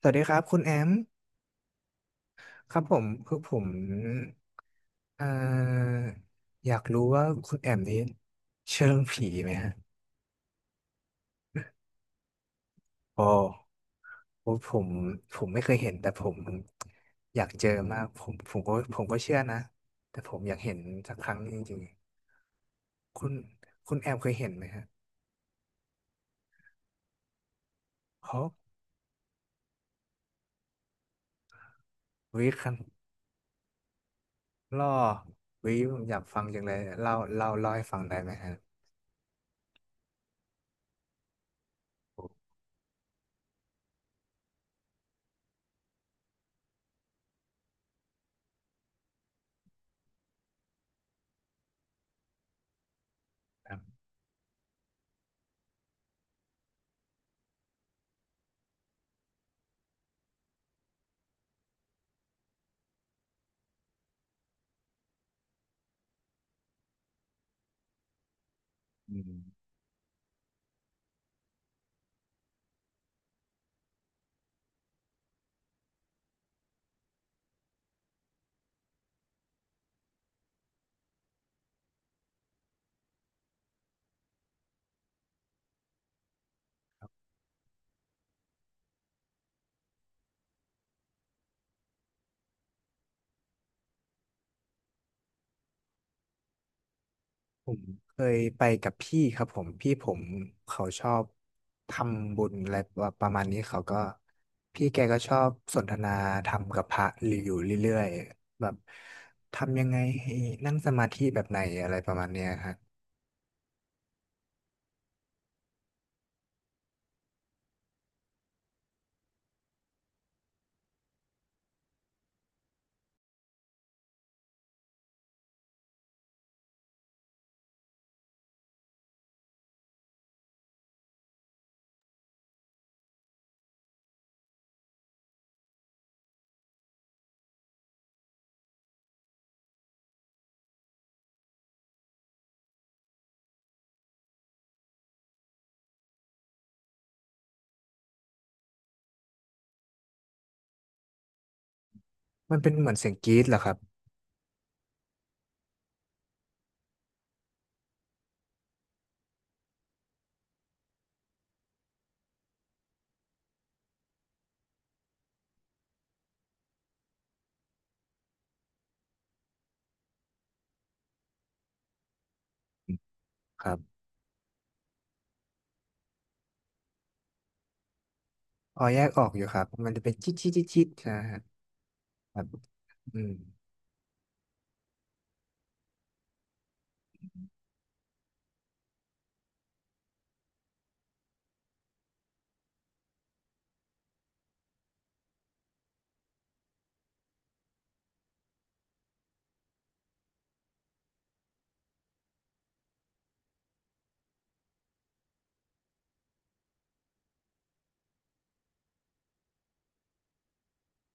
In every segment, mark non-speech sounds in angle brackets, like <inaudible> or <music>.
สวัสดีครับคุณแอมครับผมเอ่ออยากรู้ว่าคุณแอมนี่เชื่อเรื่องผีไหมฮะโอ้โอ้ผมผมไม่เคยเห็นแต่ผมอยากเจอมากผมก็เชื่อนะแต่ผมอยากเห็นสักครั้งจริงๆคุณแอมเคยเห็นไหมฮะฮะวิครันล่อวิผมอยากฟังจังเลยเล่าให้ฟังได้ไหมฮะครับอืม ผมเคยไปกับพี่ครับพี่ผมเขาชอบทำบุญอะไรประมาณนี้เขาก็พี่แกก็ชอบสนทนาธรรมกับพระอยู่เรื่อยๆแบบทำยังไงให้นั่งสมาธิแบบไหนอะไรประมาณเนี้ยครับมันเป็นเหมือนเสียงกรี๊ดเหรอครับครับอ๋อแยกออกอยู่ครับมันจะเป็นจิ๊ดจิ๊ดจิ๊ดจิ๊ดนะฮะครับอืม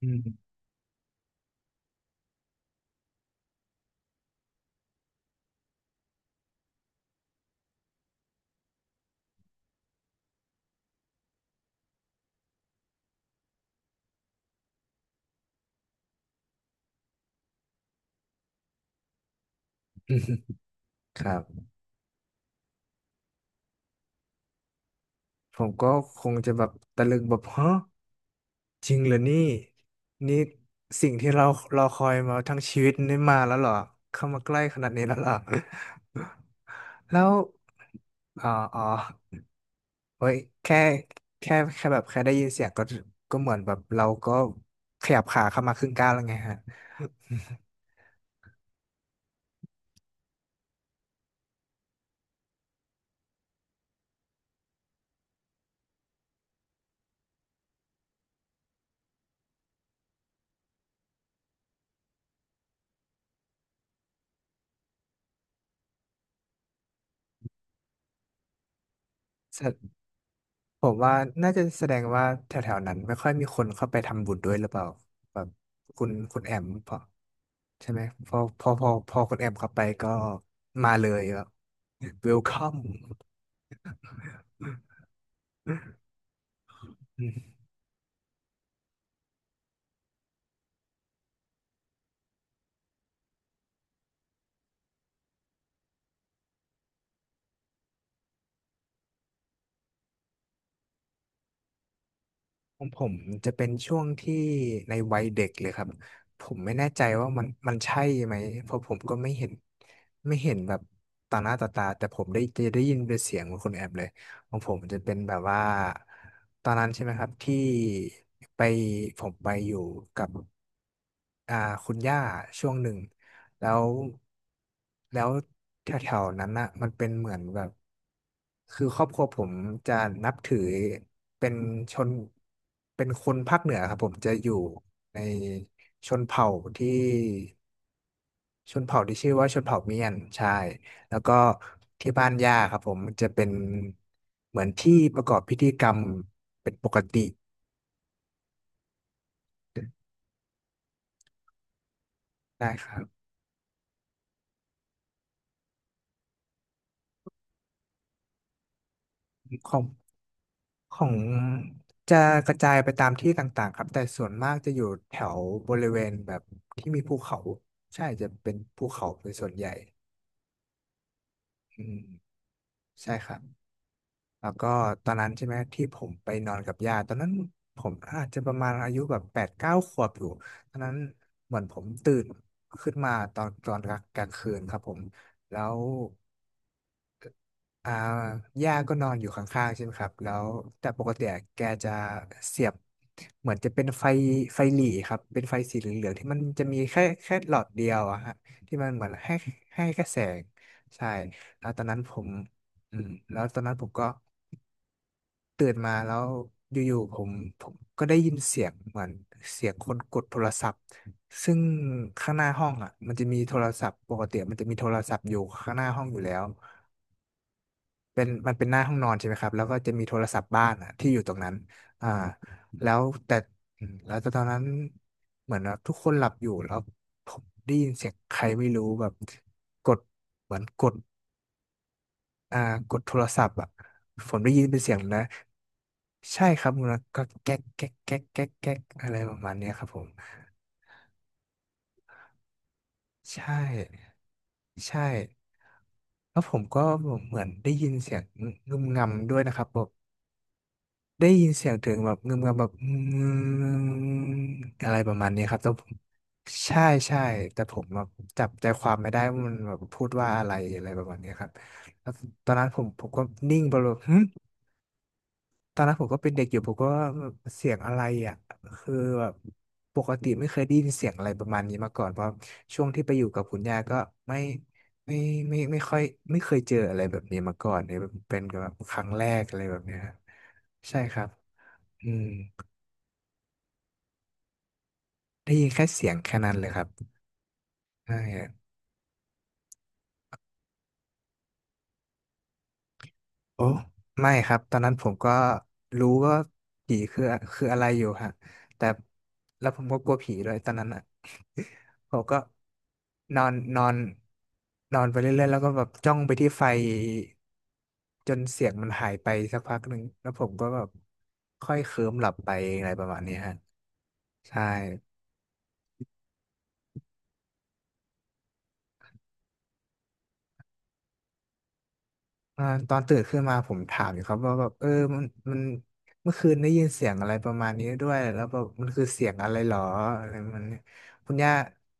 อืม <laughs> ครับผมก็คงจะแบบตะลึงแบบฮะ จริงเหรอนี่นี่สิ่งที่เรารอคอยมาทั้งชีวิตนี่มาแล้วเหรอเข้ามาใกล้ขนาดนี้แล้วเหรอ <laughs> แล้วอ๋ออ๋อเฮ้ยแค่แค่แค่แบบแค่ได้ยินเสียงก็เหมือนแบบเราก็ขยับขาเข้ามาครึ่งก้าวแล้วไงฮะแสดผมว่าน่าจะแสดงว่าแถวๆนั้นไม่ค่อยมีคนเข้าไปทำบุญด้วยหรือเปล่าแบบคุณแอมพอใช่ไหมพอคุณแอมเข้าไปก็มาเลยแบบ <laughs> welcome อืมของผมจะเป็นช่วงที่ในวัยเด็กเลยครับผมไม่แน่ใจว่ามันใช่ไหมเพราะผมก็ไม่เห็นแบบต่อหน้าต่อตาแต่ผมได้ยินเป็นเสียงของคนแอบเลยของผมจะเป็นแบบว่าตอนนั้นใช่ไหมครับที่ไปผมไปอยู่กับ อ่าคุณย่าช่วงหนึ่งแล้วแล้วแถวๆนั้นน่ะมันเป็นเหมือนแบบคือครอบครัวผมจะนับถือเป็นชนเป็นคนภาคเหนือครับผมจะอยู่ในชนเผ่าที่ชื่อว่าชนเผ่าเมียนใช่แล้วก็ที่บ้านย่าครับผมมันจะเป็นเหมือนที่ประกอบพิธีกรรมเป็นปกติได้ครับ ของจะกระจายไปตามที่ต่างๆครับแต่ส่วนมากจะอยู่แถวบริเวณแบบที่มีภูเขาใช่จะเป็นภูเขาเป็นส่วนใหญ่อืมใช่ครับแล้วก็ตอนนั้นใช่ไหมที่ผมไปนอนกับยาตตอนนั้นผมอาจจะประมาณอายุแบบแปดเก้าขวบอยู่ตอนนั้นเหมือนผมตื่นขึ้นมาตอนกลางคืนครับผมแล้ว อ่าย่าก็นอนอยู่ข้างๆใช่ไหมครับแล้วแต่ปกติอะแกจะเสียบเหมือนจะเป็นไฟไฟหรี่ครับเป็นไฟสีเหลืองๆที่มันจะมีแค่หลอดเดียวอะฮะที่มันเหมือนให้ให้แค่แสงใช่แล้วตอนนั้นผมอืมแล้วตอนนั้นผมก็ตื่นมาแล้วอยู่ๆผมก็ได้ยินเสียงเหมือนเสียงคนกดโทรศัพท์ซึ่งข้างหน้าห้องอ่ะมันจะมีโทรศัพท์ปกติมันจะมีโทรศัพท์อยู่ข้างหน้าห้องอยู่แล้ว เป็นมันเป็นหน้าห้องนอนใช่ไหมครับแล้วก็จะมีโทรศัพท์บ้านอ่ะที่อยู่ตรงนั้นอ่าแล้วแต่อืมแล้วตอนนั้นเหมือนว่าทุกคนหลับอยู่แล้วผมได้ยินเสียงใครไม่รู้แบบกดเหมือนกดอ่ากดโทรศัพท์อ่ะผมได้ยินเป็นเสียงนะใช่ครับคุณนะก็แก๊กแก๊กแก๊กแก๊กแก๊กอะไรประมาณเนี้ยครับผมใช่ใช่แล้วผมก็เหมือนได้ยินเสียงงุ่มงำด้วยนะครับ ได้ยินเสียงถึงแบบเงืมเงแบบอืมอะไรประมาณนี้ครับแต่ผมใช่ใช่แต่ผมแบบจับใจความไม่ได้ว่ามันแบบพูดว่าอะไรอะไรประมาณนี้ครับแล้วตอนนั้นผมก็นิ่งไปเลยหึตอนนั้นผมก็เป็นเด็กอยู่ผมก็ว่าเสียงอะไรอ่ะคือแบบปกติไม่เคยได้ยินเสียงอะไรประมาณนี้มาก่อนเพราะช่วงที่ไปอยู่กับคุณย่าก็ไม่ไม่ไม่ค่อยไม่เคยเจออะไรแบบนี้มาก่อนเนี่ยเป็นแบบครั้งแรกอะไรแบบเนี้ยครับใช่ครับอืม ได้ยินแค่เสียงแค่นั้นเลยครับใช่โอ้ไม่ครับ ตอนนั้นผมก็รู้ว่าผีคืออะไรอยู่ฮะแต่แล้วผมก็กลัวผีด้วยตอนนั้นอ่ะ <laughs> ผมก็นอนนอนนอนไปเรื่อยๆแล้วก็แบบจ้องไปที่ไฟจนเสียงมันหายไปสักพักหนึ่งแล้วผมก็แบบค่อยเคลิ้มหลับไปอะไรประมาณนี้ฮะใช่ ตอนตื่นขึ้นมาผมถามอยู่ครับว่าแบบเออมันมันเมื่อคืนได้ยินเสียงอะไรประมาณนี้ด้วยแล้วแบบมันคือเสียงอะไรหรออะไรมันเนี่ยคุณย่า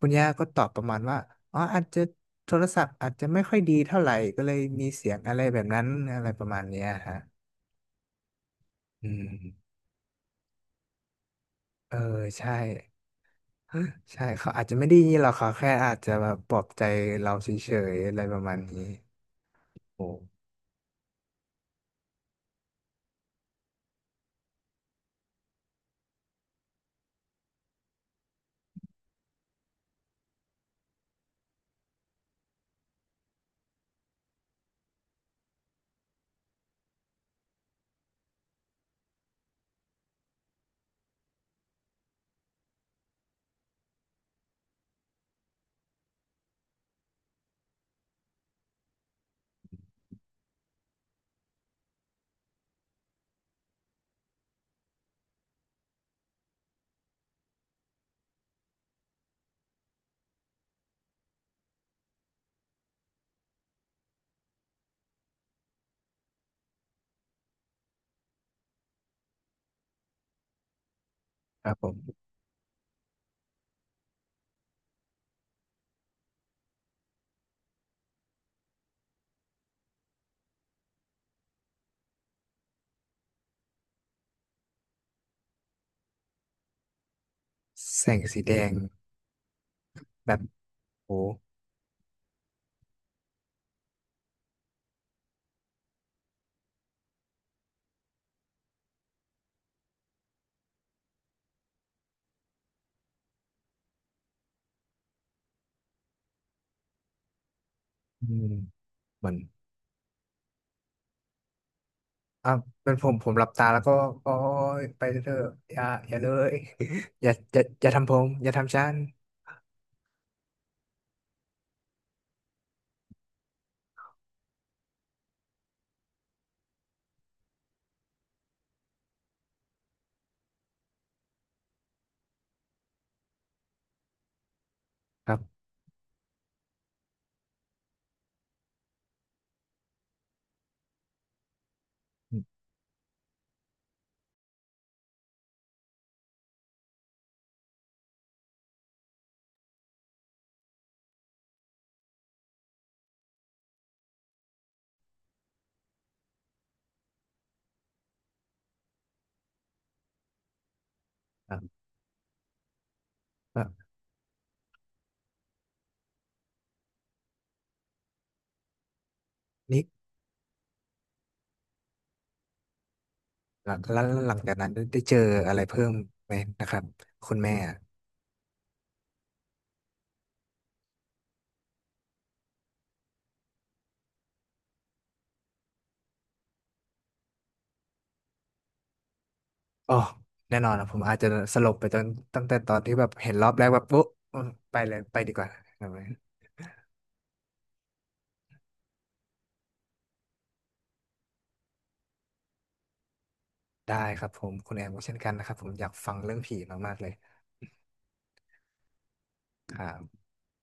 คุณย่าก็ตอบประมาณว่าอ๋ออาจจะโทรศัพท์อาจจะไม่ค่อยดีเท่าไหร่ก็เลยมีเสียงอะไรแบบนั้นอะไรประมาณเนี้ยฮะอืมเออใช่ <gasps> ใช่เขาอาจจะไม่ได้ยินหรอกเขาแค่อาจจะแบบปลอบใจเราเฉยๆอะไรประมาณนี้โอ้ครับผมแสงสีแดงแบบโอ้อืมเหมือน อ่ะเป็นผมหลับตาแล้วก็โอ้ยไปเถอะอย่าอย่าเลย <laughs> อย่าอย่าทำผมอย่าทำฉันครับอืมครับอ่ะนี่หลังแล้วหลังจากนั้นได้เจออะไรเพิ่มไหมนะครับคุณแม่อะอ๋อแน่นอนนะผมอาจจะสลบไปตั้งแต่ตอนที่แบบเห็นรอบแรกแบบปุ๊บอืมไปเลยไปดีกว่าครับได้ครับผมคุณแอมก็เช่นกันนะครับผมอยากฟังเรื่องผีมากๆเลยครับ